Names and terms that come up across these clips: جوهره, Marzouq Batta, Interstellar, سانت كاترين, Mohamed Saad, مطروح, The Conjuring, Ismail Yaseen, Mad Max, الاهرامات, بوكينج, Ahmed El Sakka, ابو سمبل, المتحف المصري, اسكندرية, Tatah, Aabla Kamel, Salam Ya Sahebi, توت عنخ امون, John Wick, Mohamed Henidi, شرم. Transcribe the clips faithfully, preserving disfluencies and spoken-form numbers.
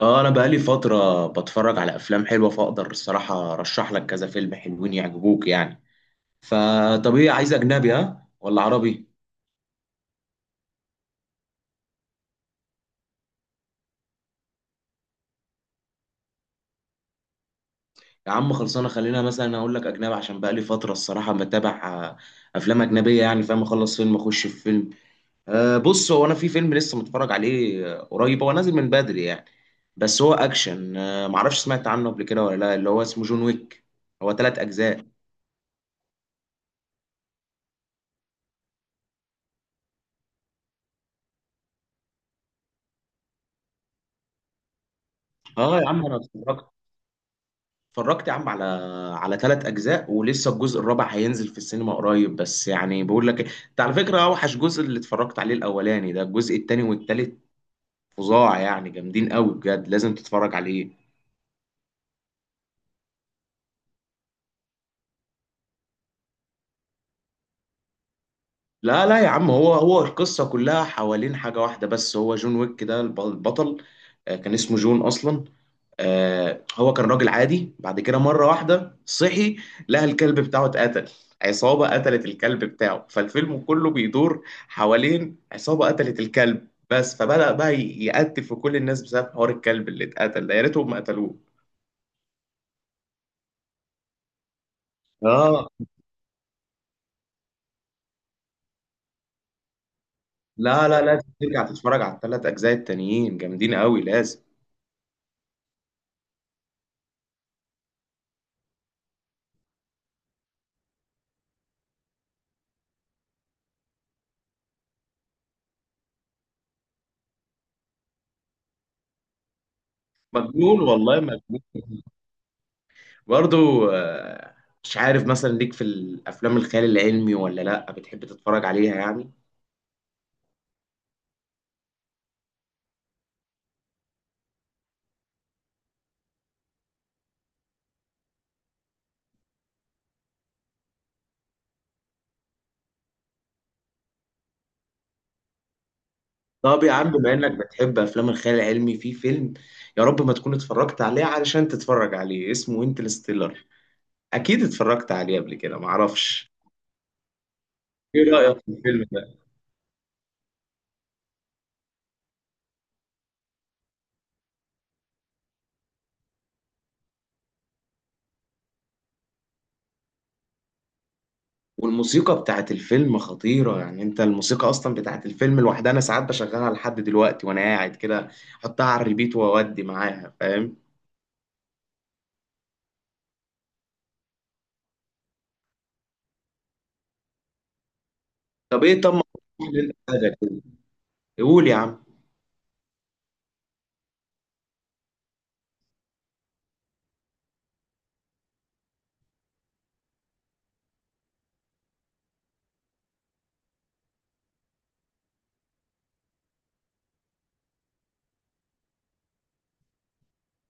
اه، انا بقالي فترة بتفرج على افلام حلوة، فاقدر الصراحة ارشح لك كذا فيلم حلوين يعجبوك يعني. فطب ايه، عايز اجنبي ها ولا عربي؟ يا عم خلصانة، خلينا مثلا اقول لك اجنبي عشان بقالي فترة الصراحة بتابع آه، افلام اجنبية، يعني فاهم، اخلص فيلم اخش في فيلم. آه بص، هو انا في فيلم لسه متفرج عليه آه، قريب، هو نازل من بدري يعني. بس هو اكشن، آه معرفش سمعت عنه قبل كده ولا لا، اللي هو اسمه جون ويك. هو ثلاث اجزاء. اه يا عم، انا اتفرجت، اتفرجت يا عم على على ثلاث اجزاء، ولسه الجزء الرابع هينزل في السينما قريب. بس يعني بقول لك إيه، انت على فكره اوحش جزء اللي اتفرجت عليه الاولاني ده، الجزء الثاني والثالث فظاع يعني، جامدين قوي بجد، لازم تتفرج عليه. لا لا يا عم، هو هو القصة كلها حوالين حاجة واحدة. بس هو جون ويك ده الب- البطل. آه، كان اسمه جون أصلا. آه، هو كان راجل عادي، بعد كده مرة واحدة صحي لقى الكلب بتاعه اتقتل، عصابة قتلت الكلب بتاعه. فالفيلم كله بيدور حوالين عصابة قتلت الكلب، بس فبدأ بقى ي- يقتل في كل الناس بسبب حوار الكلب اللي اتقتل ده، يا ريتهم ما قتلوه. اه، لا لا لازم ترجع تتفرج على الثلاث أجزاء التانيين، جامدين قوي لازم. مجنون والله. برضو، آه، مش عارف مثلا ليك في الافلام الخيال العلمي ولا لا، بتحب تتفرج عليها يعني؟ طب يا عم، بما انك بتحب افلام الخيال العلمي، في فيلم يا رب ما تكون اتفرجت عليه علشان تتفرج عليه، اسمه انترستيلر. اكيد اتفرجت عليه قبل كده، معرفش. ايه رايك في الفيلم ده؟ والموسيقى بتاعت الفيلم خطيره يعني، انت الموسيقى اصلا بتاعت الفيلم لوحدها انا ساعات بشغلها لحد دلوقتي وانا قاعد كده، احطها على الريبيت واودي معاها فاهم. طب ايه، طب ما تقول يا عم.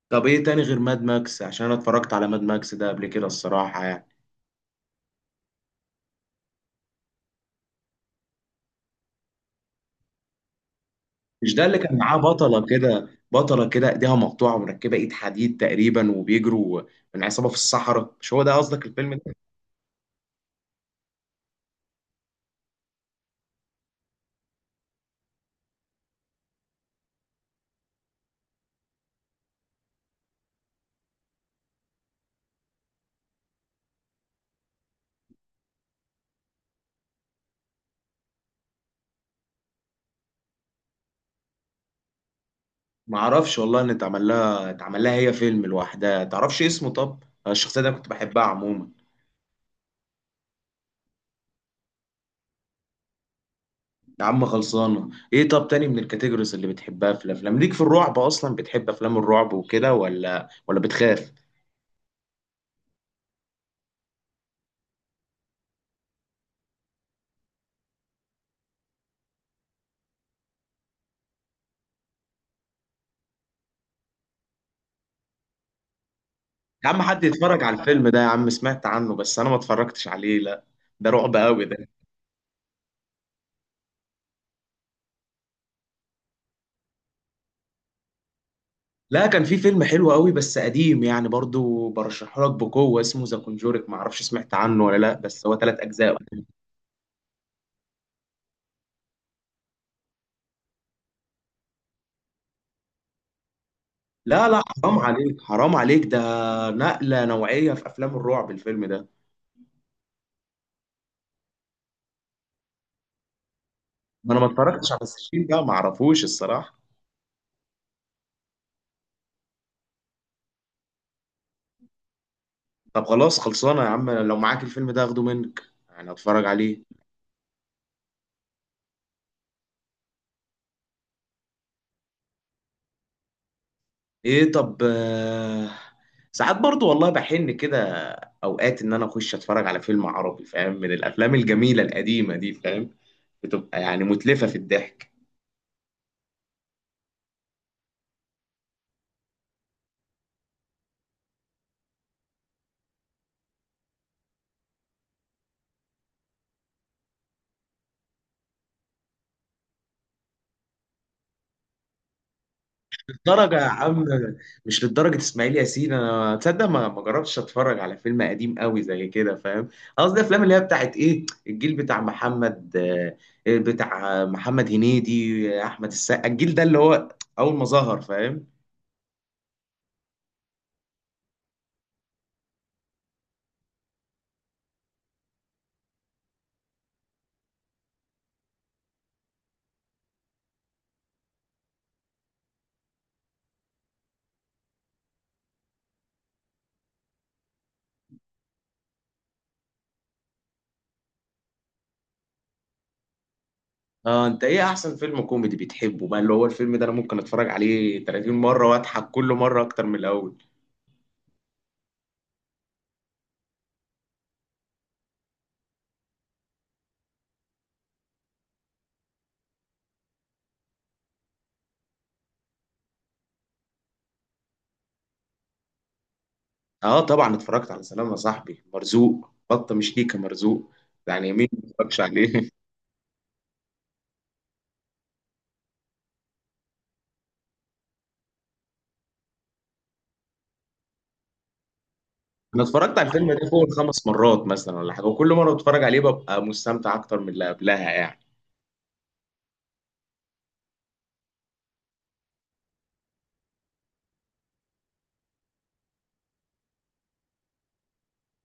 طب ايه تاني غير ماد ماكس، عشان انا اتفرجت على ماد ماكس ده قبل كده الصراحة يعني. مش ده اللي كان معاه بطلة كده، بطلة كده ايديها مقطوعة ومركبة ايد حديد تقريبا، وبيجروا من عصابة في الصحراء، مش هو ده قصدك الفيلم ده؟ معرفش والله ان اتعمل لها، اتعمل لها هي فيلم لوحدها. تعرفش اسمه؟ طب الشخصية دي أنا كنت بحبها عموما. يا عم خلصانة. ايه طب تاني من الكاتيجوريز اللي بتحبها في الافلام؟ ليك في الرعب اصلا، بتحب افلام الرعب وكده ولا ولا بتخاف؟ يا عم، حد يتفرج على الفيلم ده يا عم، سمعت عنه بس انا ما اتفرجتش عليه لا. ده رعب قوي ده. لا، كان في فيلم حلو قوي بس قديم يعني، برضو برشحه لك بقوة، اسمه ذا كونجورك، ما اعرفش سمعت عنه ولا لا، بس هو ثلاث اجزاء. لا لا، حرام عليك، حرام عليك، ده نقلة نوعية في افلام الرعب الفيلم ده. ما انا ما اتفرجتش على السجين ده، ما اعرفوش الصراحة. طب خلاص خلصانة يا عم، لو معاك الفيلم ده اخده منك يعني اتفرج عليه. ايه طب، آه، ساعات برضو والله بحن كده اوقات ان انا اخش اتفرج على فيلم عربي فاهم، من الافلام الجميله القديمه دي فاهم، بتبقى يعني متلفه في الضحك. للدرجه يا عم؟ مش للدرجه اسماعيل ياسين، انا تصدق ما ما جربتش اتفرج على فيلم قديم قوي زي كده فاهم. قصدي الافلام اللي هي بتاعت ايه، الجيل بتاع محمد، آه، بتاع محمد هنيدي احمد السقا، الجيل ده اللي هو اول ما ظهر فاهم. اه انت ايه احسن فيلم كوميدي بتحبه بقى؟ اللي هو الفيلم ده انا ممكن اتفرج عليه 30 مرة واضحك كل مرة اكتر من الاول. اه طبعا اتفرجت على سلام يا صاحبي، مرزوق بطة، مش ليكة مرزوق يعني، مين ما اتفرجش عليه انا اتفرجت على الفيلم ده فوق الخمس مرات مثلا ولا حاجة، وكل مرة بتفرج عليه ببقى مستمتع اكتر من اللي قبلها يعني.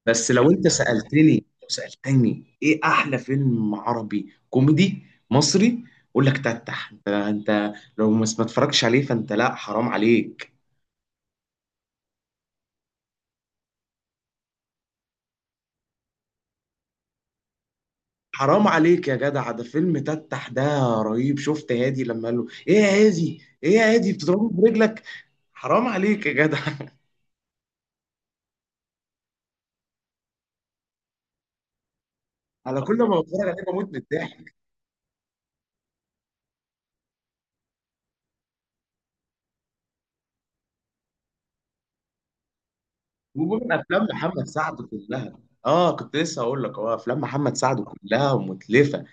بس لو انت سألتني، لو سألتني ايه احلى فيلم عربي كوميدي مصري، اقول لك تتح. انت انت لو ما ما اتفرجتش عليه فانت لا، حرام عليك. حرام عليك يا جدع، ده فيلم تتح ده رهيب. شفت هادي لما قال له ايه يا هادي ايه يا هادي بتضربه برجلك، حرام عليك يا جدع انا كل ما بتفرج عليه بموت من الضحك. ومن افلام محمد سعد كلها، اه كنت لسه هقول لك، هو افلام محمد سعد كلها متلفه.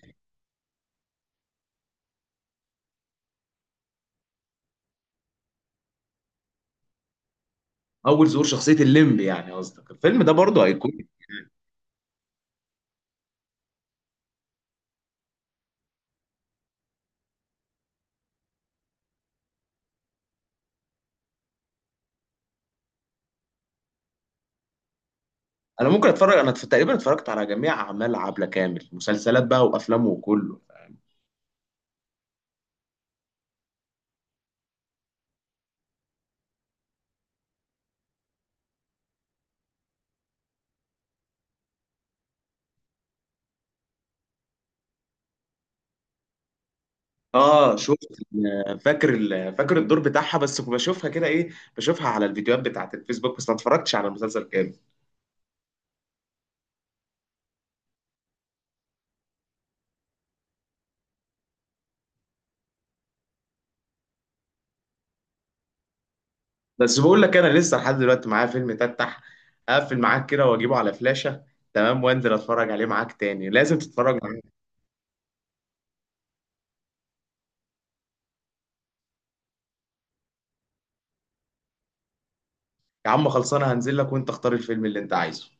اول ظهور شخصيه الليمب، يعني قصدك الفيلم ده برضه هيكون. انا ممكن اتفرج انا تقريبا اتفرجت على جميع اعمال عبله كامل، مسلسلات بقى وافلامه وكله. اه شفت، ال- فاكر ال- فاكر الدور بتاعها، بس بشوفها كده ايه، بشوفها على الفيديوهات بتاعت الفيسبوك بس ما اتفرجتش على المسلسل كامل. بس بقول لك انا لسه لحد دلوقتي معايا فيلم، تفتح اقفل معاك كده واجيبه على فلاشة تمام، وانزل اتفرج عليه معاك تاني، لازم تتفرج معايا. يا عم خلصانه، هنزل لك وانت اختار الفيلم اللي انت عايزه.